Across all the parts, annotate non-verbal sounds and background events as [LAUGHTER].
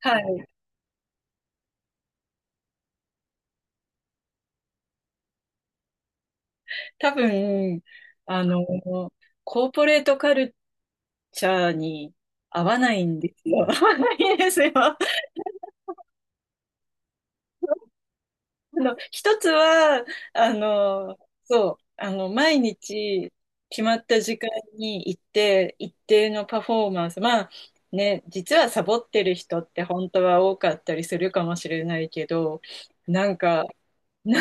はい。多分、あの、コーポレートカルチャーに合わないんですよ。[LAUGHS] 合わないんですよ。一つは、あの、そう、毎日決まった時間に行って、一定のパフォーマンス、まあ、ね、実はサボってる人って本当は多かったりするかもしれないけど、なんか、[LAUGHS] な、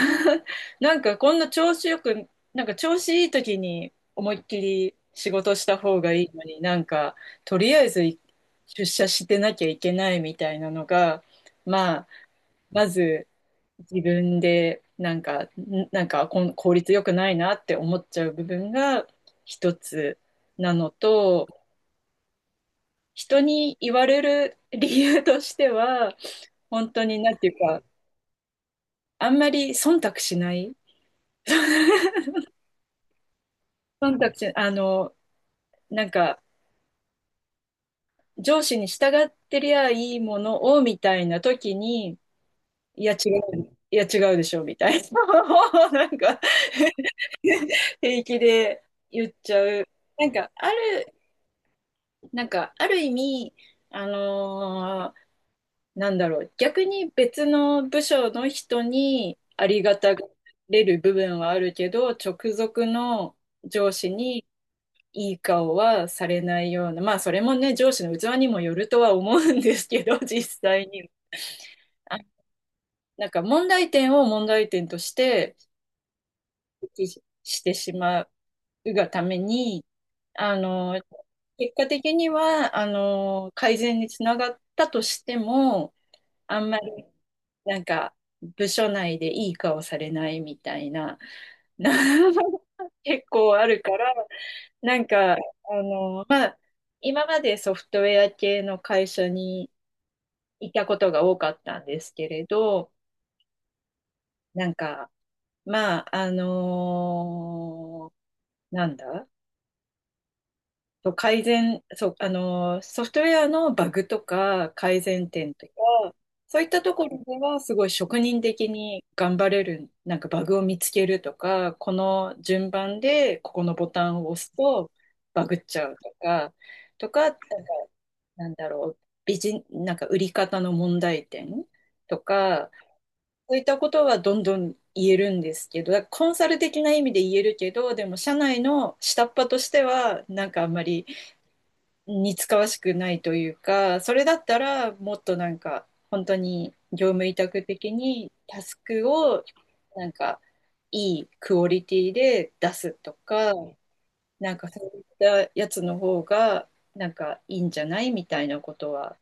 なんかこんな調子よく、なんか調子いい時に思いっきり仕事した方がいいのになんかとりあえず出社してなきゃいけないみたいなのが、まあ、まず自分でなんか、なんか効率よくないなって思っちゃう部分が一つなのと、人に言われる理由としては、本当になんていうか、あんまり忖度しない。忖度し、あの、なんか、上司に従ってりゃいいものを、みたいな時に、いや違いや違うでしょ、みたいな、[LAUGHS] なんか、平気で言っちゃう。なんか、なんか、ある意味、あのーなんだろう、逆に別の部署の人にありがたがれる部分はあるけど、直属の上司に、いい顔はされないような、まあそれもね、上司の器にもよるとは思うんですけど、実際にあ、なんか問題点を問題点として指摘してしまうがために、あの、結果的には、改善につながったとしても、あんまり、なんか、部署内でいい顔されないみたいな、な [LAUGHS] 結構あるから、なんか、まあ、今までソフトウェア系の会社にいたことが多かったんですけれど、なんか、まあ、あのーなんだそう改善、そう、あのーソフトウェアのバグとか改善点とか、そういったところではすごい職人的に頑張れる、なんかバグを見つけるとか、この順番でここのボタンを押すとバグっちゃうとか、なんかなんだろう、なんか売り方の問題点とか、そういったことはどんどん言えるんですけど、だからコンサル的な意味で言えるけど、でも社内の下っ端としては、なんかあんまり似つかわしくないというか、それだったらもっとなんか本当に業務委託的にタスクをなんかいいクオリティで出すとか、なんかそういったやつの方がなんかいいんじゃないみたいなことは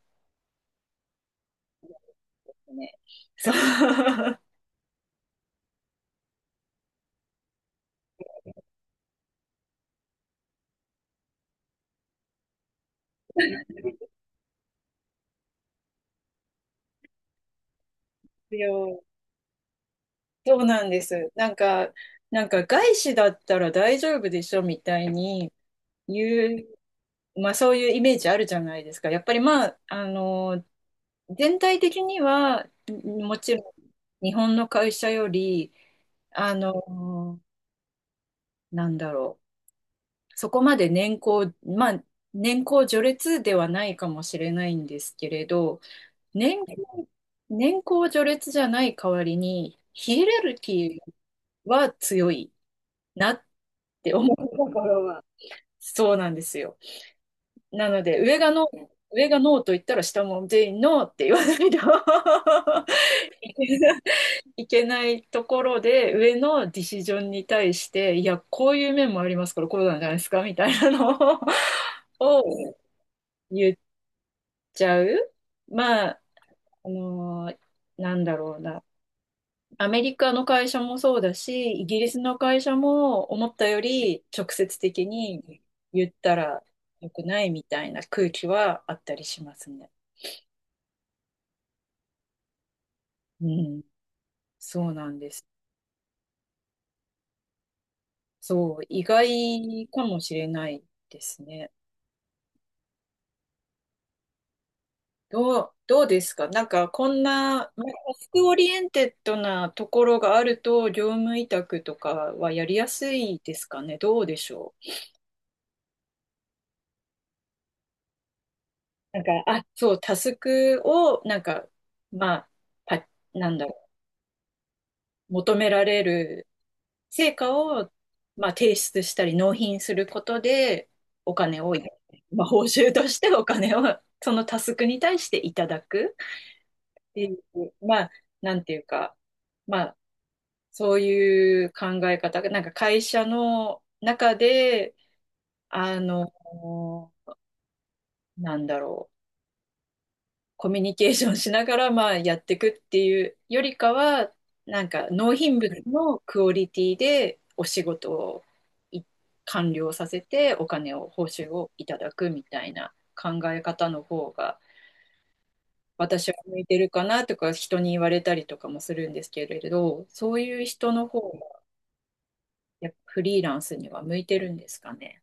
ね、そう、[LAUGHS] 必要そうなんです。なんか外資だったら大丈夫でしょみたいに言う、まあそういうイメージあるじゃないですか。やっぱりまあ、全体的には、もちろん日本の会社より、あの、なんだろう。そこまでまあ、年功序列ではないかもしれないんですけれど、年功、年功序列じゃない代わりに、ヒエラルキーは強いなっって思うところ [LAUGHS] は、そうなんですよ。なので、上がノーと言ったら下も全員ノーって言わないと [LAUGHS] いけないところで、上のディシジョンに対して、いや、こういう面もありますから、こうなんじゃないですかみたいなのを [LAUGHS] を言っちゃう。まあ、あのーなんだろうな。アメリカの会社もそうだし、イギリスの会社も思ったより直接的に言ったら良くないみたいな空気はあったりしますね。うん、そうなんです。そう、意外かもしれないですね。どうですかなんかこんな、まあタスクオリエンテッドなところがあると、業務委託とかはやりやすいですかねどうでしょう。なんか、あ、そう、タスクを、なんか、まあ、パなんだろう、求められる成果を、まあ、提出したり納品することで、お金を、まあ、報酬としてお金を、そのタスクに対していただくっていう、まあ、なんていうか、まあ、そういう考え方が、なんか会社の中で、あの、なんだろう、コミュニケーションしながら、まあ、やっていくっていうよりかは、なんか納品物のクオリティでお仕事をい完了させてお金を、報酬をいただくみたいな考え方の方が、私は向いてるかなとか人に言われたりとかもするんですけれど、そういう人の方がやっぱフリーランスには向いてるんですかね。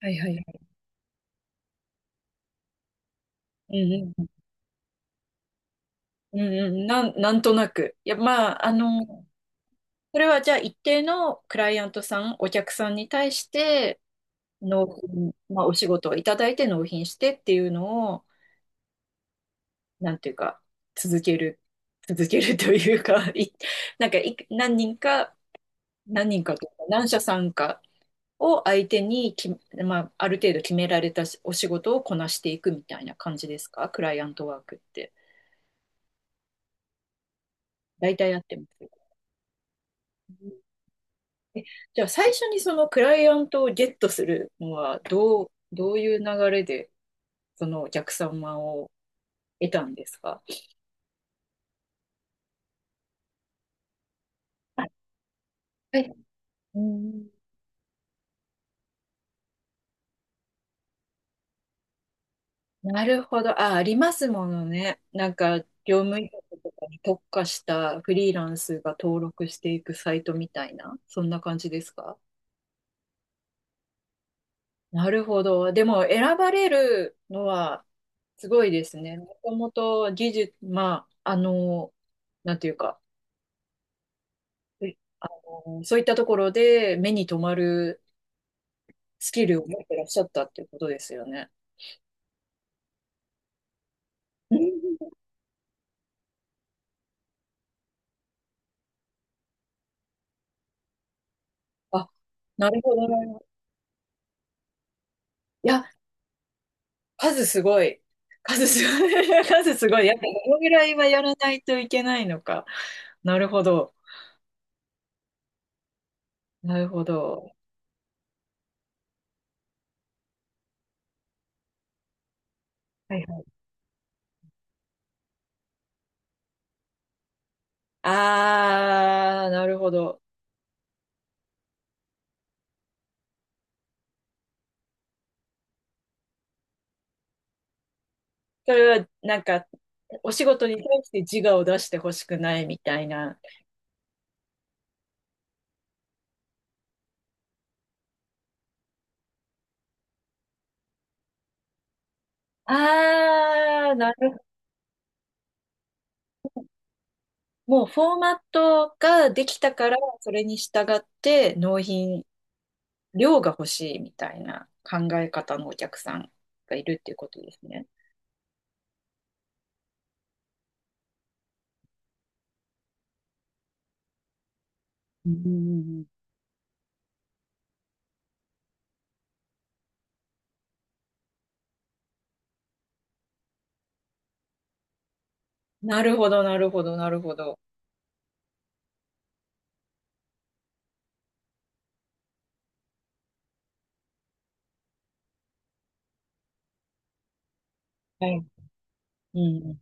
はいはいはい。うんうん、うんうんうん、なんとなく。いや、まあ、それはじゃあ一定のクライアントさん、お客さんに対して納品、まあお仕事をいただいて納品してっていうのを、なんていうか、続ける、続けるというか、[LAUGHS] なんか何人かというか、何社さんかを相手に、まあある程度決められたお仕事をこなしていくみたいな感じですかクライアントワークって。大体やってます。えじゃあ最初にそのクライアントをゲットするのはどういう流れでそのお客様を得たんですか。あはい。うん、なるほど。あ、ありますものね。なんか、業務委託とかに特化したフリーランスが登録していくサイトみたいな、そんな感じですか。なるほど。でも、選ばれるのはすごいですね。もともと技術、まあ、なんていうか、えあの、そういったところで目に留まるスキルを持ってらっしゃったっていうことですよね。うん。あ、なるほどね。いや、数すごい。数すごい。[LAUGHS] 数すごい。やっぱこのぐらいはやらないといけないのか。なるほど。なるほど。はいはい。あー、なるほど。それは、なんか、お仕事に対して自我を出してほしくないみたいな。あー、なるほど。もうフォーマットができたから、それに従って納品、量が欲しいみたいな考え方のお客さんがいるっていうことですね。うんうんうん、なるほど、なるほど、なるほど。はい。うん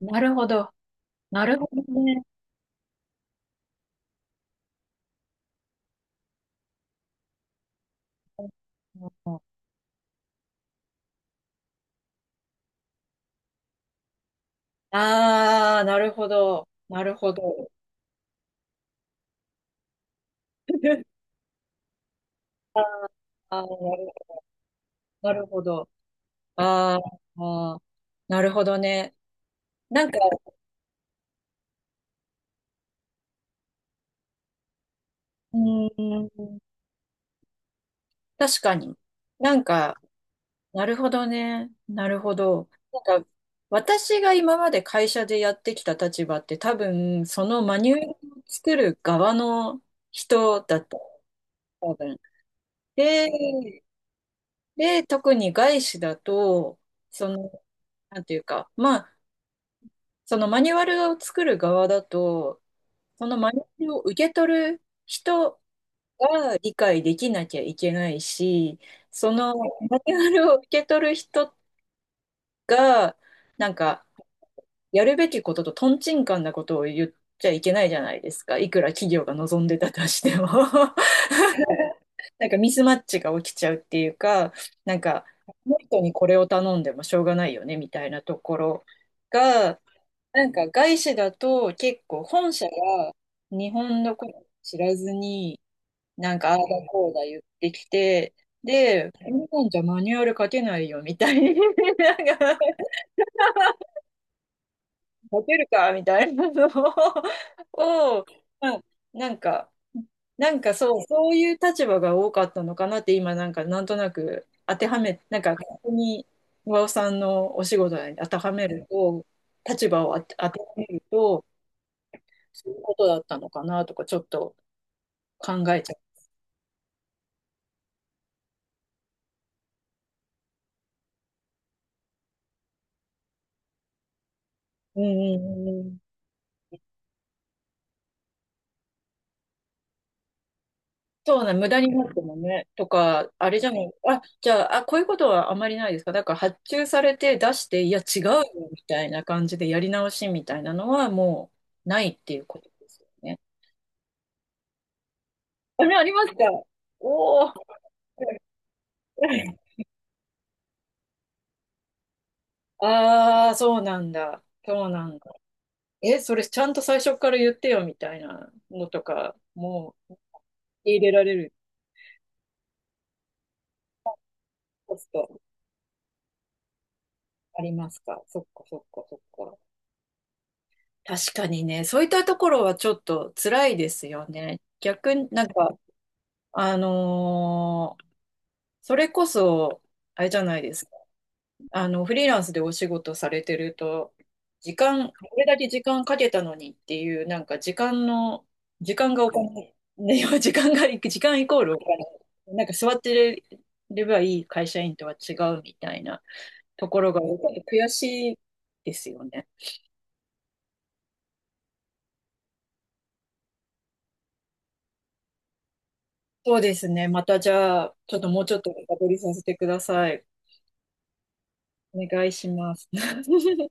うん。なるほど。なるほどね。ああ、なるほど、なるほど。[LAUGHS] あーなるほど。あーあー、なるほどね。なんか、うーん、確かに。なんか、なるほどね。なるほど。なんか、私が今まで会社でやってきた立場って多分、そのマニュアルを作る側の人だった。多分。で、で、特に外資だと、その、なんていうか、まあ、そのマニュアルを作る側だと、そのマニュアルを受け取る人が理解できなきゃいけないし、そのマニュアルを受け取る人が、なんか、やるべきこととトンチンカンなことを言っちゃいけないじゃないですか。いくら企業が望んでたとしても [LAUGHS] なんかミスマッチが起きちゃうっていうか、なんか、この人にこれを頼んでもしょうがないよね、みたいなところが、なんか外資だと結構本社が日本のことを知らずに、なんかああだこうだ言ってきて、で、日本じゃマニュアル書けないよみたいな、[LAUGHS] なんかモテるかみたいなのを、[LAUGHS] を、うん、なんか、なんかそう、そういう立場が多かったのかなって今なんかなんとなく当てはめ、なんかここに和尾さんのお仕事に当てはめると、立場を当てはめると、そういうことだったのかなとかちょっと考えちゃう。うんうんうんうん、そうね、無駄になってもね、とか、あれじゃない、あ、じゃあ、あ、こういうことはあまりないですか。だから発注されて出して、いや、違うよ、みたいな感じでやり直しみたいなのはもうないっていうことですよね。あれ、ありますか。おおー。[LAUGHS] ああ、そうなんだ。そうなんだ。え、それちゃんと最初から言ってよ、みたいなのとか、もう入れられるコストありますか。そっか、そっか、そっか。確かにね、そういったところはちょっと辛いですよね。逆になんか、あのーそれこそ、あれじゃないですか。フリーランスでお仕事されてると、時間、これだけ時間かけたのにっていう、なんか時間の、時間がお金、ね、[LAUGHS] 時間が、時間イコールお金。なんか座ってればいい会社員とは違うみたいなところが、やっぱり悔しいですよね。そうですね。またじゃあ、ちょっともうちょっと深掘りさせてください。お願いします。[LAUGHS]